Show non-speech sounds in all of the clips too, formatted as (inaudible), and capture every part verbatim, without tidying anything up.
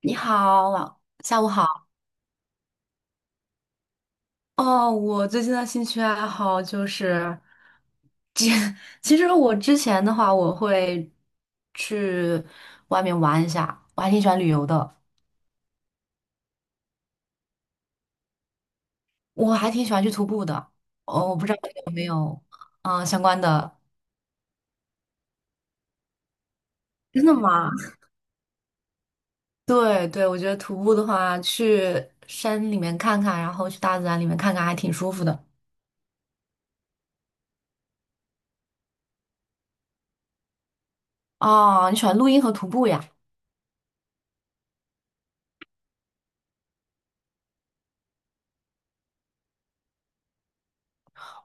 你好，晚下午好。哦，我最近的兴趣爱好就是，其 (laughs) 其实我之前的话，我会去外面玩一下，我还挺喜欢旅游的，我还挺喜欢去徒步的。哦，我不知道你有没有嗯、呃相关的 (laughs)。真的吗？对对，我觉得徒步的话，去山里面看看，然后去大自然里面看看，还挺舒服的。哦，你喜欢录音和徒步呀？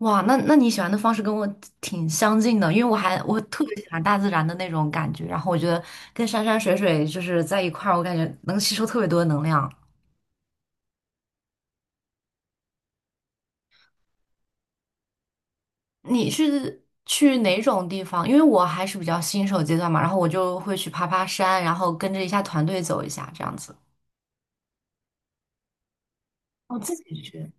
哇，那那你喜欢的方式跟我挺相近的，因为我还我特别喜欢大自然的那种感觉，然后我觉得跟山山水水就是在一块儿，我感觉能吸收特别多的能量。你是去哪种地方？因为我还是比较新手阶段嘛，然后我就会去爬爬山，然后跟着一下团队走一下这样子。我自己去。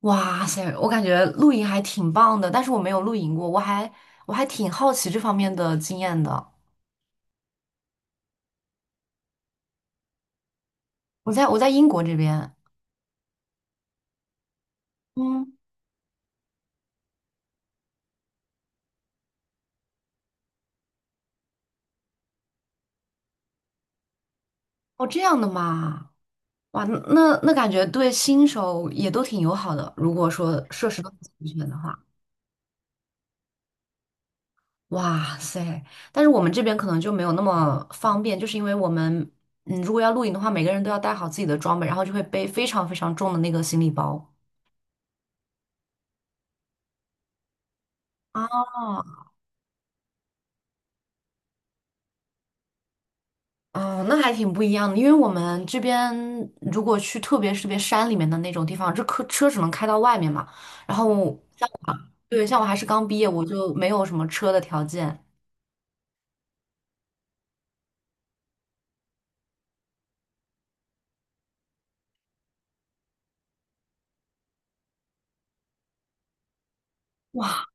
哇塞，我感觉露营还挺棒的，但是我没有露营过，我还我还挺好奇这方面的经验的。我在我在英国这边，嗯。哦，这样的嘛，哇，那那那感觉对新手也都挺友好的。如果说设施都很齐全的话，哇塞！但是我们这边可能就没有那么方便，就是因为我们，嗯，如果要露营的话，每个人都要带好自己的装备，然后就会背非常非常重的那个行李包。啊。哦，那还挺不一样的，因为我们这边如果去特别是特别山里面的那种地方，这车车只能开到外面嘛。然后，对，像我还是刚毕业，我就没有什么车的条件。哇，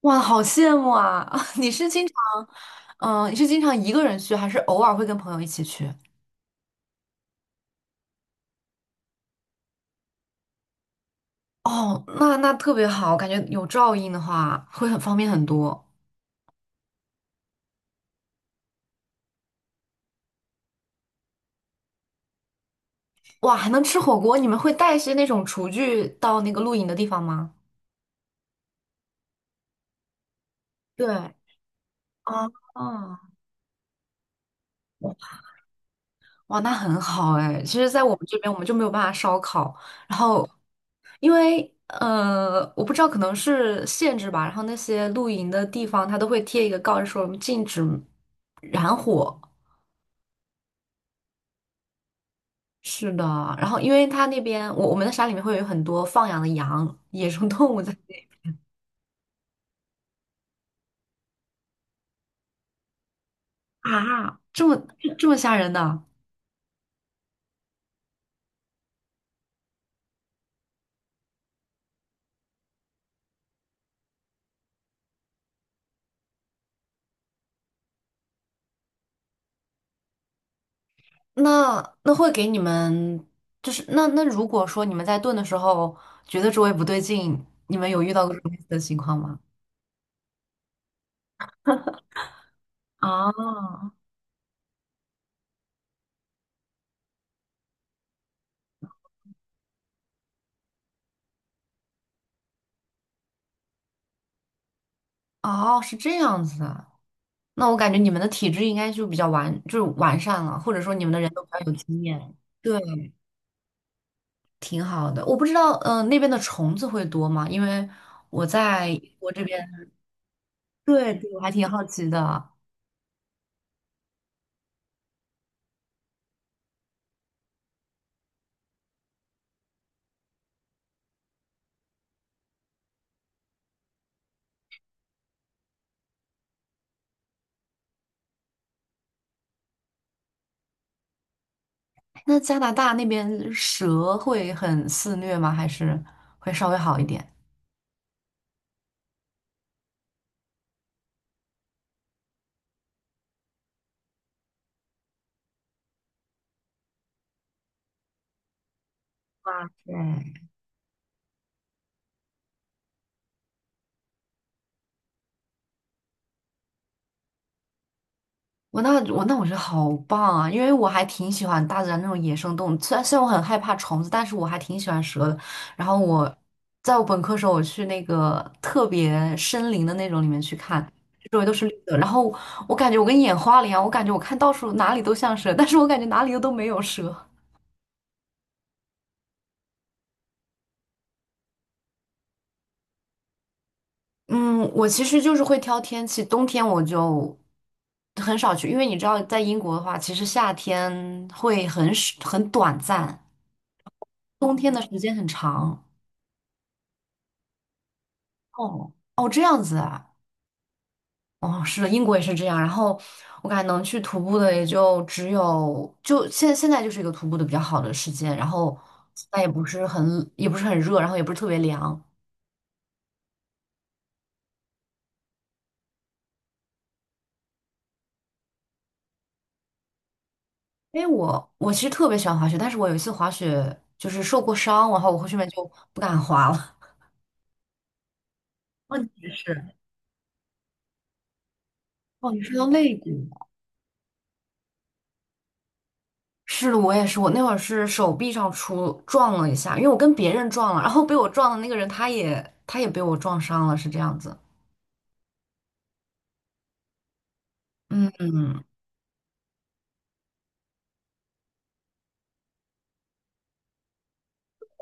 哇，好羡慕啊！(laughs) 你是经常，嗯、你是经常一个人去，还是偶尔会跟朋友一起去？哦，那那特别好，感觉有照应的话会很方便很多。哇，还能吃火锅？你们会带一些那种厨具到那个露营的地方吗？对，啊，啊！哇，那很好哎。其实，在我们这边，我们就没有办法烧烤。然后，因为呃，我不知道可能是限制吧，然后那些露营的地方，它都会贴一个告示说我们禁止燃火。是的，然后因为它那边，我我们的山里面会有很多放养的羊、野生动物在那边啊，这么这么吓人的。那那会给你们，就是那那如果说你们在炖的时候觉得周围不对劲，你们有遇到过这种类似的情况吗？哦哦，是这样子的。那我感觉你们的体质应该就比较完，就是完善了，或者说你们的人都比较有经验，对，挺好的。我不知道，嗯，那边的虫子会多吗？因为我在我这边，对对，我还挺好奇的。那加拿大那边蛇会很肆虐吗？还是会稍微好一点？哇塞！我那我那我觉得好棒啊，因为我还挺喜欢大自然那种野生动物。虽然虽然我很害怕虫子，但是我还挺喜欢蛇的。然后我在我本科时候，我去那个特别森林的那种里面去看，周围都是绿的。然后我感觉我跟眼花了一样，我感觉我看到处哪里都像蛇，但是我感觉哪里又都没有蛇。嗯，我其实就是会挑天气，冬天我就很少去，因为你知道，在英国的话，其实夏天会很少很短暂，冬天的时间很长。哦哦，这样子啊，哦，是的，英国也是这样。然后我感觉能去徒步的也就只有，就现现在就是一个徒步的比较好的时间。然后现在也不是很也不是很热，然后也不是特别凉。因为我我其实特别喜欢滑雪，但是我有一次滑雪就是受过伤，然后我后面就不敢滑了。(laughs) 问题是，哦，你说到肋骨了，是的，我也是，我那会儿是手臂上出撞了一下，因为我跟别人撞了，然后被我撞的那个人他也他也被我撞伤了，是这样子。嗯，嗯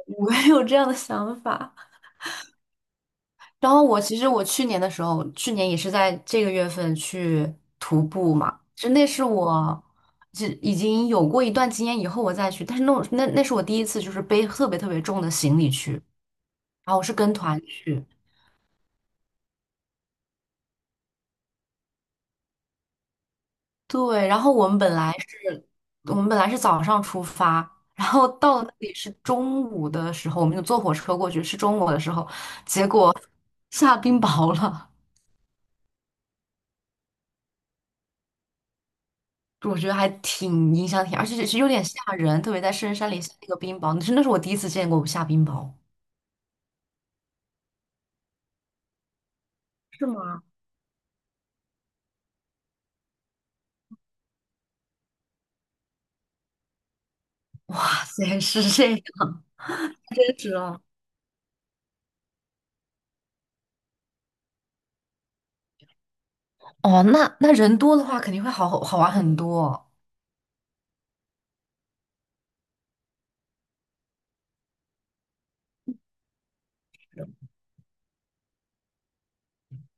我也有这样的想法。然后我其实我去年的时候，去年也是在这个月份去徒步嘛，就那是我就已经有过一段经验以后我再去，但是那我那那是我第一次就是背特别特别重的行李去，然后我是跟团去，对，然后我们本来是，我们本来是早上出发。然后到了那里是中午的时候，我们就坐火车过去，是中午的时候，结果下冰雹了。我觉得还挺影响挺，而且是有点吓人，特别在深山里下那个冰雹，真的是我第一次见过下冰雹。是吗？哇塞，是这样，真实哦。哦，那那人多的话肯定会好好玩很多。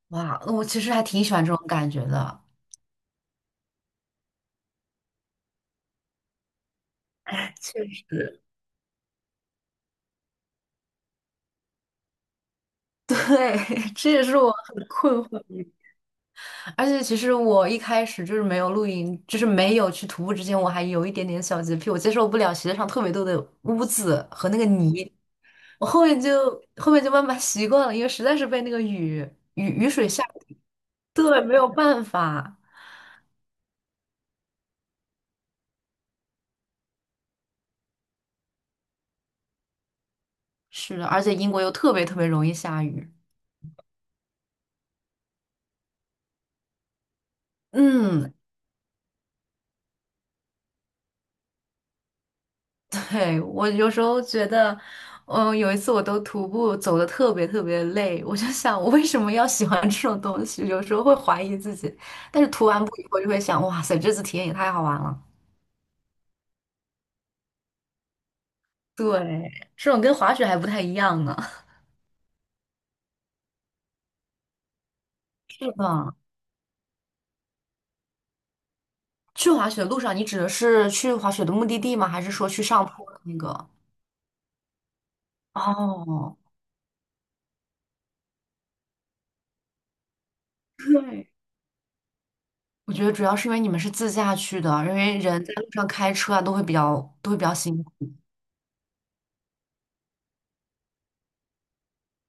哇，那我其实还挺喜欢这种感觉的。哎，确实，对，(laughs) 这也是我，很困惑的。而且其实我一开始就是没有露营，就是没有去徒步之前，我还有一点点小洁癖，我接受不了鞋上特别多的污渍和那个泥。我后面就后面就慢慢习惯了，因为实在是被那个雨雨雨水吓，对，没有办法。是的，而且英国又特别特别容易下雨。嗯，对，我有时候觉得，嗯，有一次我都徒步走的特别特别累，我就想我为什么要喜欢这种东西？有时候会怀疑自己，但是涂完步以后就会想，哇塞，这次体验也太好玩了。对，这种跟滑雪还不太一样呢。是的。去滑雪的路上，你指的是去滑雪的目的地吗？还是说去上坡的那个？哦，对。我觉得主要是因为你们是自驾去的，因为人在路上开车啊，都会比较都会比较辛苦。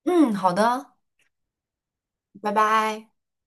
嗯，好的，拜拜。